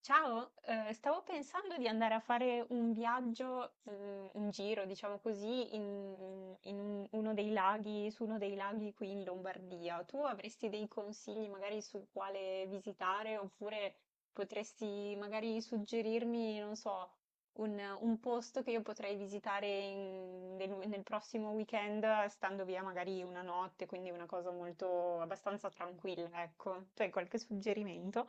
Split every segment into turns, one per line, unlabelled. Ciao, stavo pensando di andare a fare un viaggio, un giro, diciamo così, uno dei laghi, su uno dei laghi qui in Lombardia. Tu avresti dei consigli magari su quale visitare, oppure potresti magari suggerirmi, non so, un posto che io potrei nel, nel prossimo weekend, stando via magari una notte, quindi una cosa molto abbastanza tranquilla, ecco. Tu hai qualche suggerimento?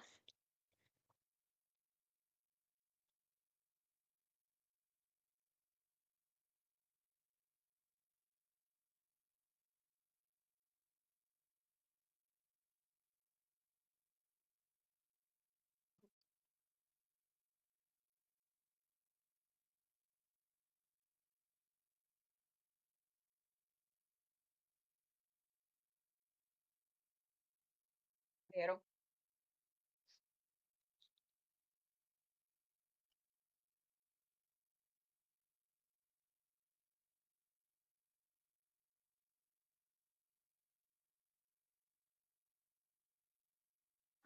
Vero.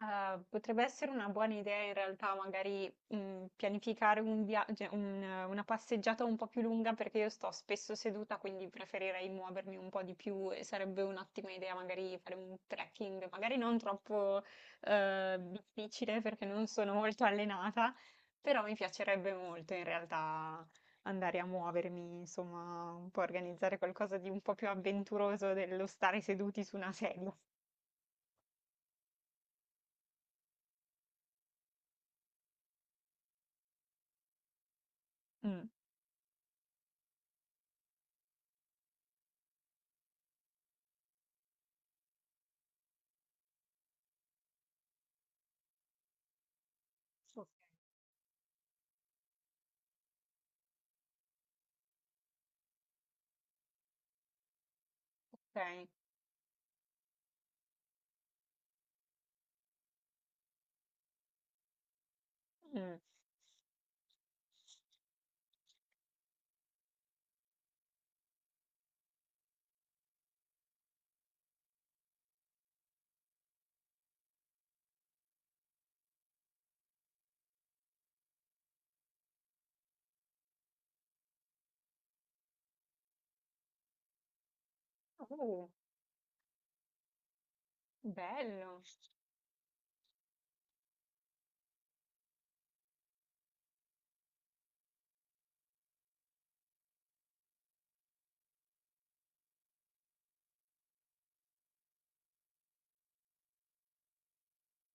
Potrebbe essere una buona idea in realtà magari pianificare un viaggio, una passeggiata un po' più lunga perché io sto spesso seduta, quindi preferirei muovermi un po' di più e sarebbe un'ottima idea magari fare un trekking, magari non troppo difficile perché non sono molto allenata, però mi piacerebbe molto in realtà andare a muovermi, insomma, un po' organizzare qualcosa di un po' più avventuroso dello stare seduti su una sedia. Mm. Ok. Mm. Oh, bello.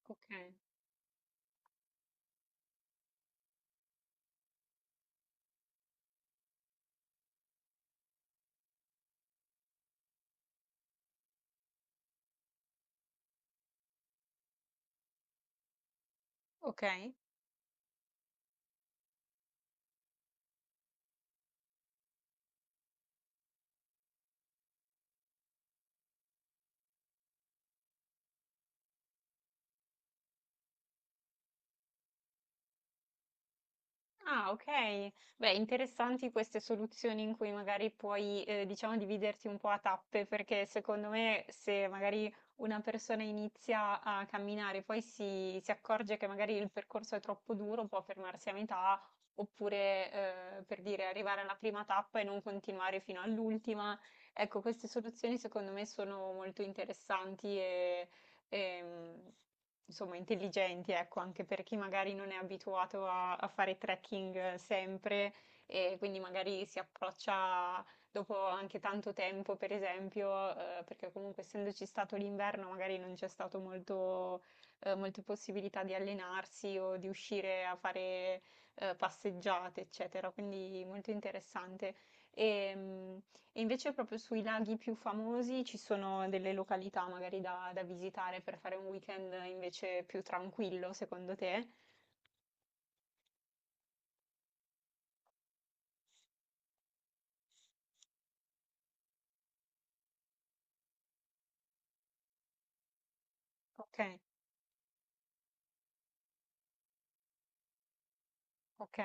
Ok, ok. Ah, ok. Beh, interessanti queste soluzioni in cui magari puoi, diciamo, dividerti un po' a tappe, perché secondo me se magari una persona inizia a camminare, poi si accorge che magari il percorso è troppo duro, può fermarsi a metà, oppure, per dire, arrivare alla prima tappa e non continuare fino all'ultima. Ecco, queste soluzioni secondo me sono molto interessanti e... Ehm, Insomma intelligenti, ecco, anche per chi magari non è abituato a fare trekking sempre e quindi magari si approccia dopo anche tanto tempo, per esempio, perché comunque essendoci stato l'inverno magari non c'è stato molto, molte possibilità di allenarsi o di uscire a fare passeggiate, eccetera, quindi molto interessante. E, e invece proprio sui laghi più famosi ci sono delle località magari da visitare per fare un weekend invece più tranquillo, secondo te? Ok, ok,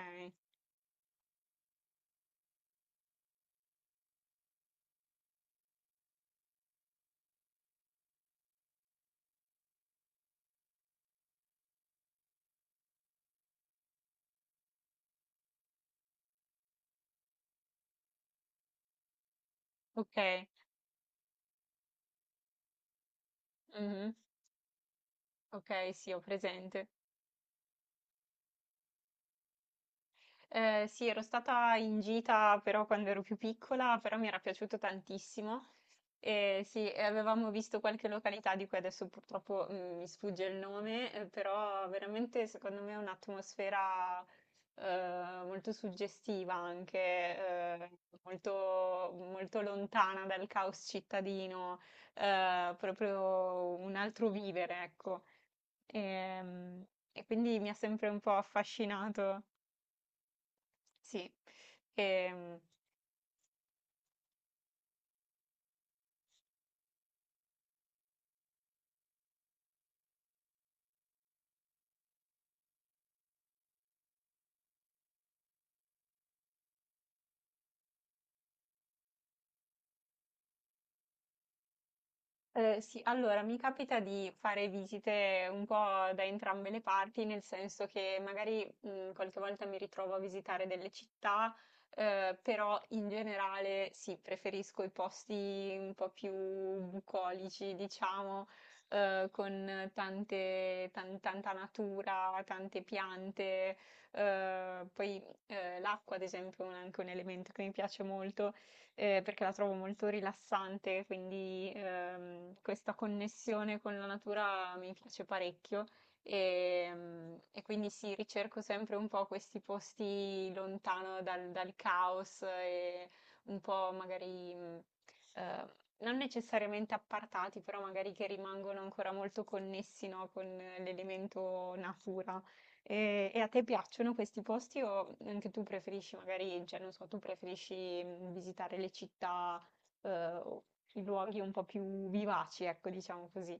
ok, mhm, ok, sì, ho presente. Sì, ero stata in gita però quando ero più piccola, però mi era piaciuto tantissimo. Sì, e avevamo visto qualche località di cui adesso purtroppo mi sfugge il nome, però veramente secondo me è un'atmosfera molto suggestiva anche, molto, molto lontana dal caos cittadino, proprio un altro vivere, ecco. Ehm, quindi mi ha sempre un po' affascinato, sì. Ehm, sì, allora mi capita di fare visite un po' da entrambe le parti, nel senso che magari qualche volta mi ritrovo a visitare delle città, però in generale sì, preferisco i posti un po' più bucolici, diciamo, con tante, tanta natura, tante piante, poi l'acqua, ad esempio, anche un elemento che mi piace molto perché la trovo molto rilassante, quindi questa connessione con la natura mi piace parecchio. E quindi sì, ricerco sempre un po' questi posti lontano dal caos e un po' magari eh, non necessariamente appartati, però magari che rimangono ancora molto connessi, no, con l'elemento natura. E a te piacciono questi posti o anche tu preferisci magari, cioè non so, tu preferisci visitare le città, eh, o i luoghi un po' più vivaci, ecco, diciamo così.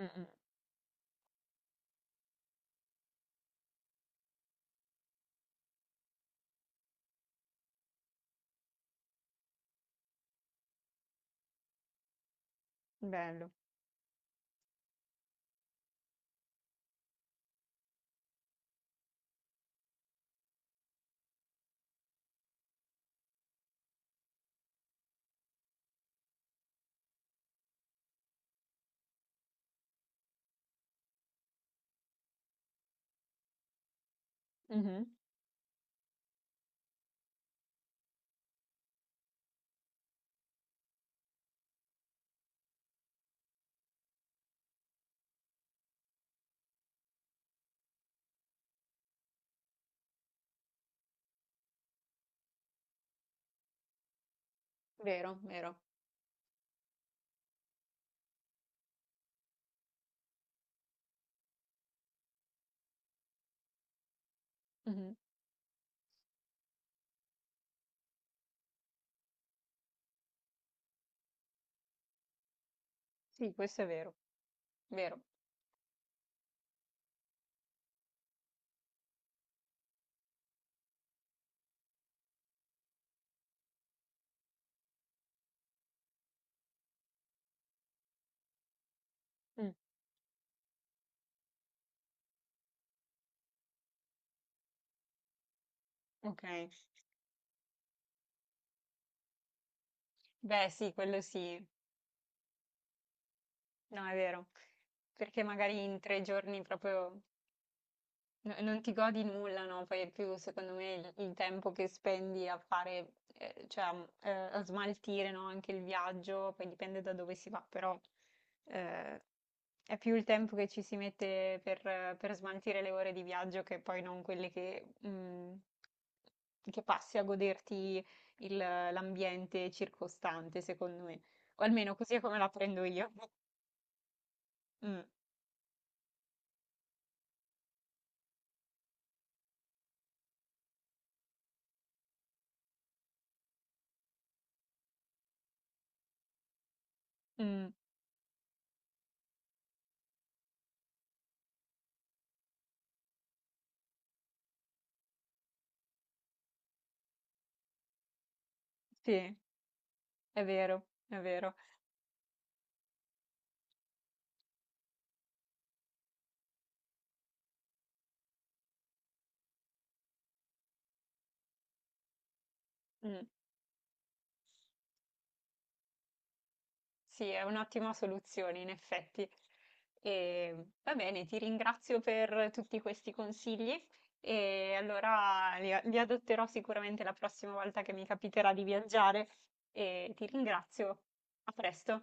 Mm, mm. Bello. Mhm. Vero, vero. Mhm. Sì, questo è vero, vero. Mm. Ok. Beh, sì, quello sì. No, è vero. Perché magari in tre giorni proprio no, e non ti godi nulla, no? Poi è più, secondo me, il tempo che spendi a fare, a smaltire, no? Anche il viaggio, poi dipende da dove si va, però eh, è più il tempo che ci si mette per smaltire le ore di viaggio che poi non quelle che, che passi a goderti l'ambiente circostante, secondo me. O almeno così è come la prendo io. Mm, mm, sì, è vero, è vero. Mm. Sì, è un'ottima soluzione, in effetti. E, va bene, ti ringrazio per tutti questi consigli e allora li adotterò sicuramente la prossima volta che mi capiterà di viaggiare e ti ringrazio. A presto.